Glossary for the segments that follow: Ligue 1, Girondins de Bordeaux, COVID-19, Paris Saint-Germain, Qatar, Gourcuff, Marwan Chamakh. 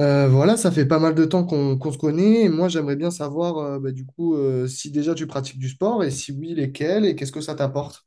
Voilà, ça fait pas mal de temps qu'on se connaît et moi j'aimerais bien savoir bah, du coup si déjà tu pratiques du sport et si oui, lesquels et qu'est-ce que ça t'apporte?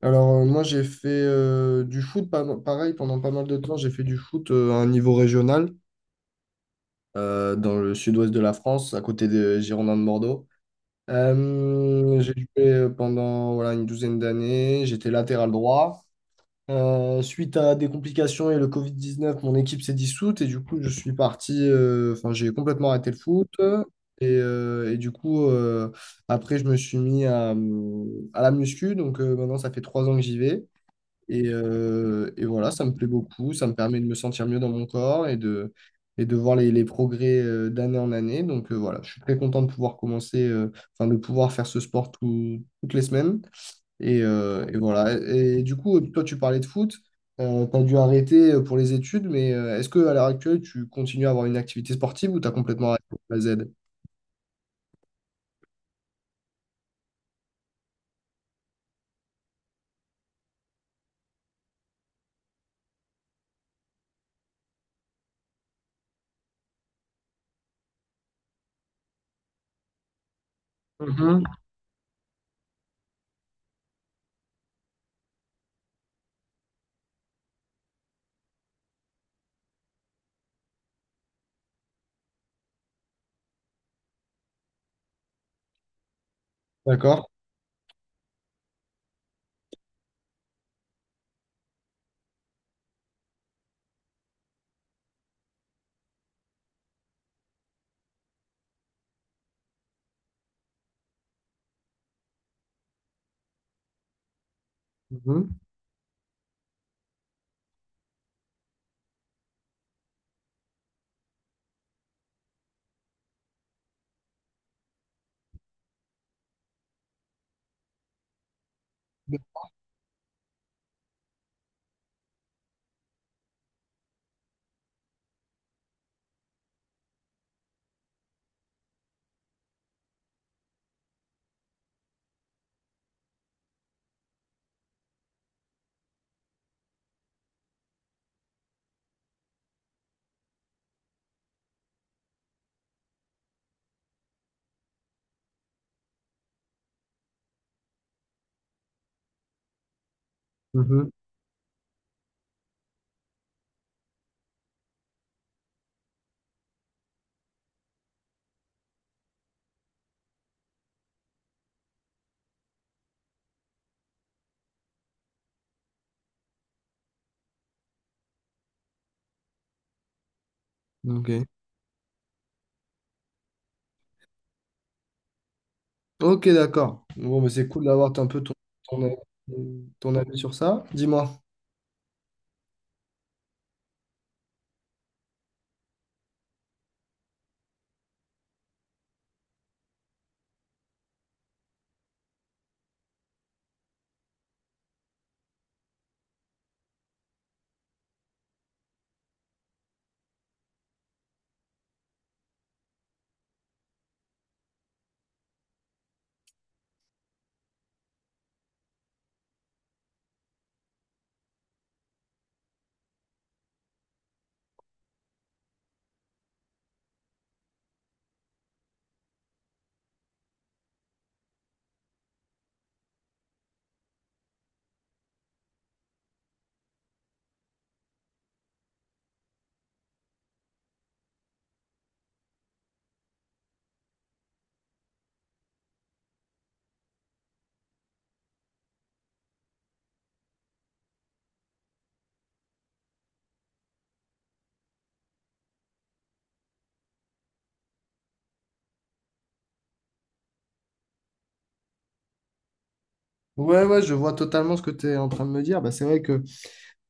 Alors moi j'ai fait du foot, pareil pendant pas mal de temps, j'ai fait du foot à un niveau régional dans le sud-ouest de la France, à côté des Girondins de Bordeaux. J'ai joué pendant voilà, une douzaine d'années, j'étais latéral droit. Suite à des complications et le Covid-19, mon équipe s'est dissoute et du coup, je suis parti, enfin, j'ai complètement arrêté le foot. Et du coup, après, je me suis mis à la muscu. Donc maintenant, ça fait 3 ans que j'y vais. Et voilà, ça me plaît beaucoup. Ça me permet de me sentir mieux dans mon corps et de voir les progrès d'année en année. Donc voilà, je suis très content de pouvoir de pouvoir faire ce sport toutes les semaines. Et voilà. Et du coup, toi, tu parlais de foot. Tu as dû arrêter pour les études, mais est-ce que à l'heure actuelle, tu continues à avoir une activité sportive ou tu as complètement arrêté pour la Z? Mhm. D'accord. Mhm. Mhm. Ok. Ok, d'accord. Bon, mais c'est cool d'avoir un peu ton, ton, avis ton avis sur ça. Dis-moi. Ouais, ouais, je vois totalement ce que tu es en train de me dire. Bah, c'est vrai que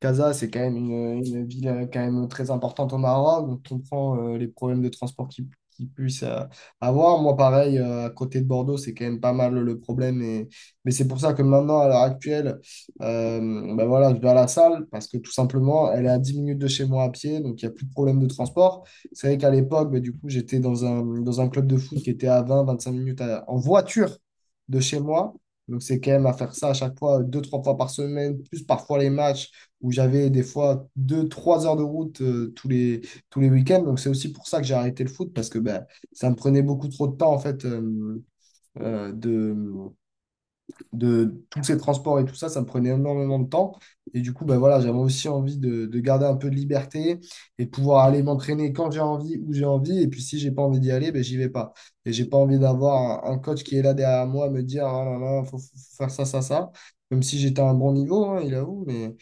Casa, c'est quand même une ville quand même très importante au Maroc. Donc, on prend les problèmes de transport qui puissent avoir. Moi, pareil, à côté de Bordeaux, c'est quand même pas mal le problème. Et, mais c'est pour ça que maintenant, à l'heure actuelle, euh, ben voilà, je vais à la salle parce que tout simplement, elle est à 10 minutes de chez moi à pied. Donc, il n'y a plus de problème de transport. C'est vrai qu'à l'époque, ben, du coup, j'étais dans un club de foot qui était à 20-25 minutes en voiture de chez moi. Donc, c'est quand même à faire ça à chaque fois, deux, trois fois par semaine, plus parfois les matchs où j'avais des fois 2-3 heures de route tous les week-ends. Donc c'est aussi pour ça que j'ai arrêté le foot, parce que ben, ça me prenait beaucoup trop de temps, en fait, euh, de, de tous ces transports et tout ça, ça me prenait énormément de temps. Et du coup, ben, voilà, j'avais aussi envie de garder un peu de liberté et de pouvoir aller m'entraîner quand j'ai envie, où j'ai envie. Et puis si j'ai pas envie d'y aller, ben, j'y vais pas. Et j'ai pas envie d'avoir un coach qui est là derrière moi à me dire, ah là là, faut faire ça, ça, ça. Même si j'étais à un bon niveau, hein, il avoue, mais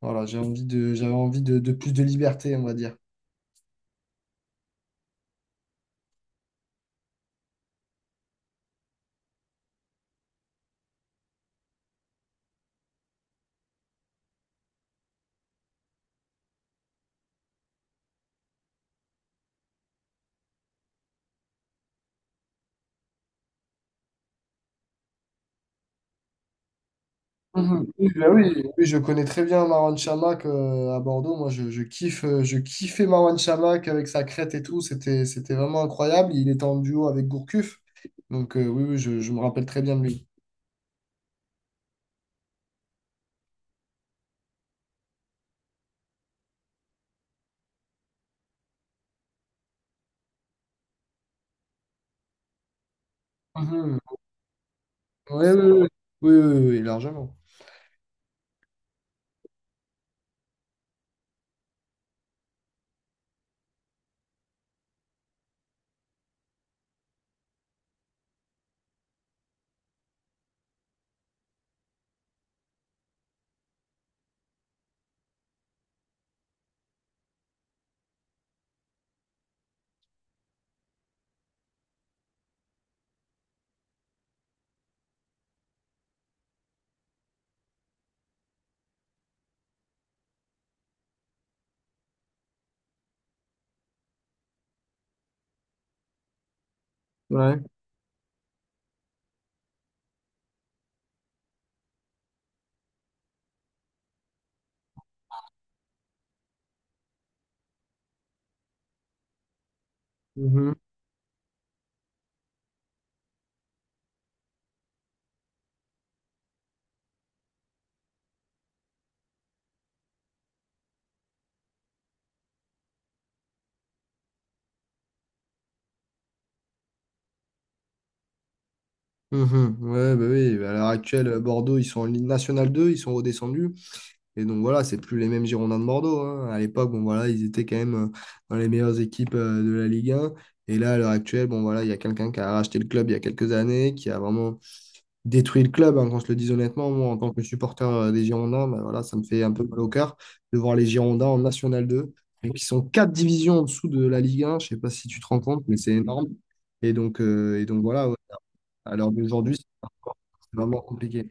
voilà, j'avais envie de plus de liberté, on va dire. Mhm. Oui, bah oui. Oui, je connais très bien Marwan Chamakh à Bordeaux. Moi, je kiffais Marwan Chamakh avec sa crête et tout. C'était vraiment incroyable. Il était en duo avec Gourcuff. Donc, oui, oui, je me rappelle très bien de lui. Mhm. Ouais, ouais, ouais. Oui, oui, oui, oui, largement. Ouais. Mhm, mhm. Ouais, bah oui, à l'heure actuelle, Bordeaux, ils sont en Ligue nationale 2, ils sont redescendus. Et donc voilà, c'est plus les mêmes Girondins de Bordeaux, hein. À l'époque, bon voilà, ils étaient quand même dans les meilleures équipes de la Ligue 1. Et là, à l'heure actuelle, bon voilà, il y a quelqu'un qui a racheté le club il y a quelques années, qui a vraiment détruit le club, hein, qu'on se le dise honnêtement. Moi, en tant que supporter des Girondins, ben voilà, ça me fait un peu mal au cœur de voir les Girondins en National 2, et qui sont quatre divisions en dessous de la Ligue 1. Je sais pas si tu te rends compte, mais c'est énorme. Et donc voilà, ouais, à l'heure d'aujourd'hui, c'est c'est vraiment compliqué.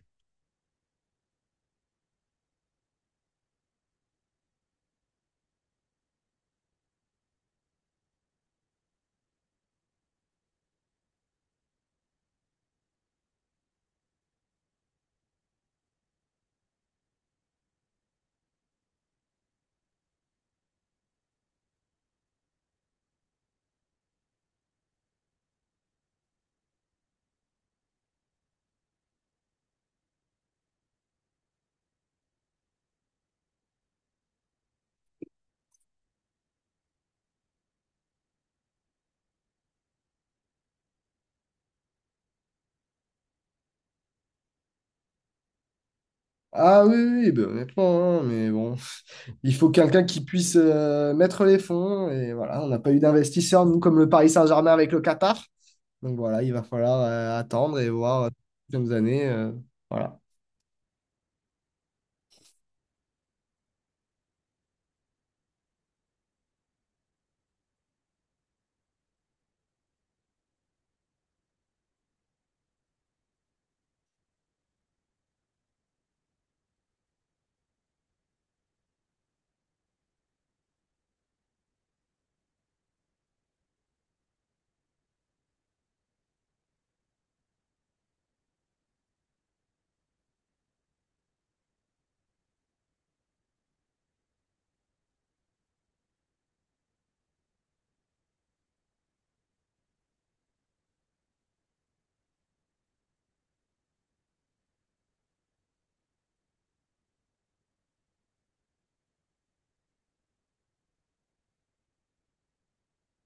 Ah oui, oui, oui, ben, honnêtement, hein, mais bon, il faut quelqu'un qui puisse mettre les fonds. Et voilà, on n'a pas eu d'investisseurs, nous, comme le Paris Saint-Germain avec le Qatar. Donc voilà, il va falloir attendre et voir les prochaines années. Voilà.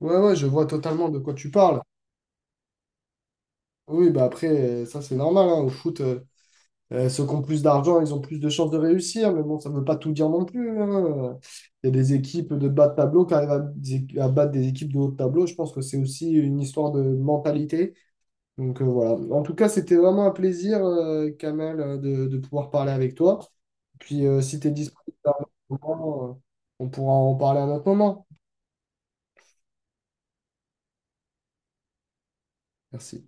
Ouais, ouais, je vois totalement de quoi tu parles. Oui, bah après, ça c'est normal, hein. Au foot, ceux qui ont plus d'argent, ils ont plus de chances de réussir. Mais bon, ça ne veut pas tout dire non plus, hein. Il y a des équipes de bas de tableau qui arrivent à battre des équipes de haut de tableau. Je pense que c'est aussi une histoire de mentalité. Donc voilà. En tout cas, c'était vraiment un plaisir, Kamel, de pouvoir parler avec toi. Puis si tu es disponible à un autre moment, on pourra en parler à un autre moment. Merci.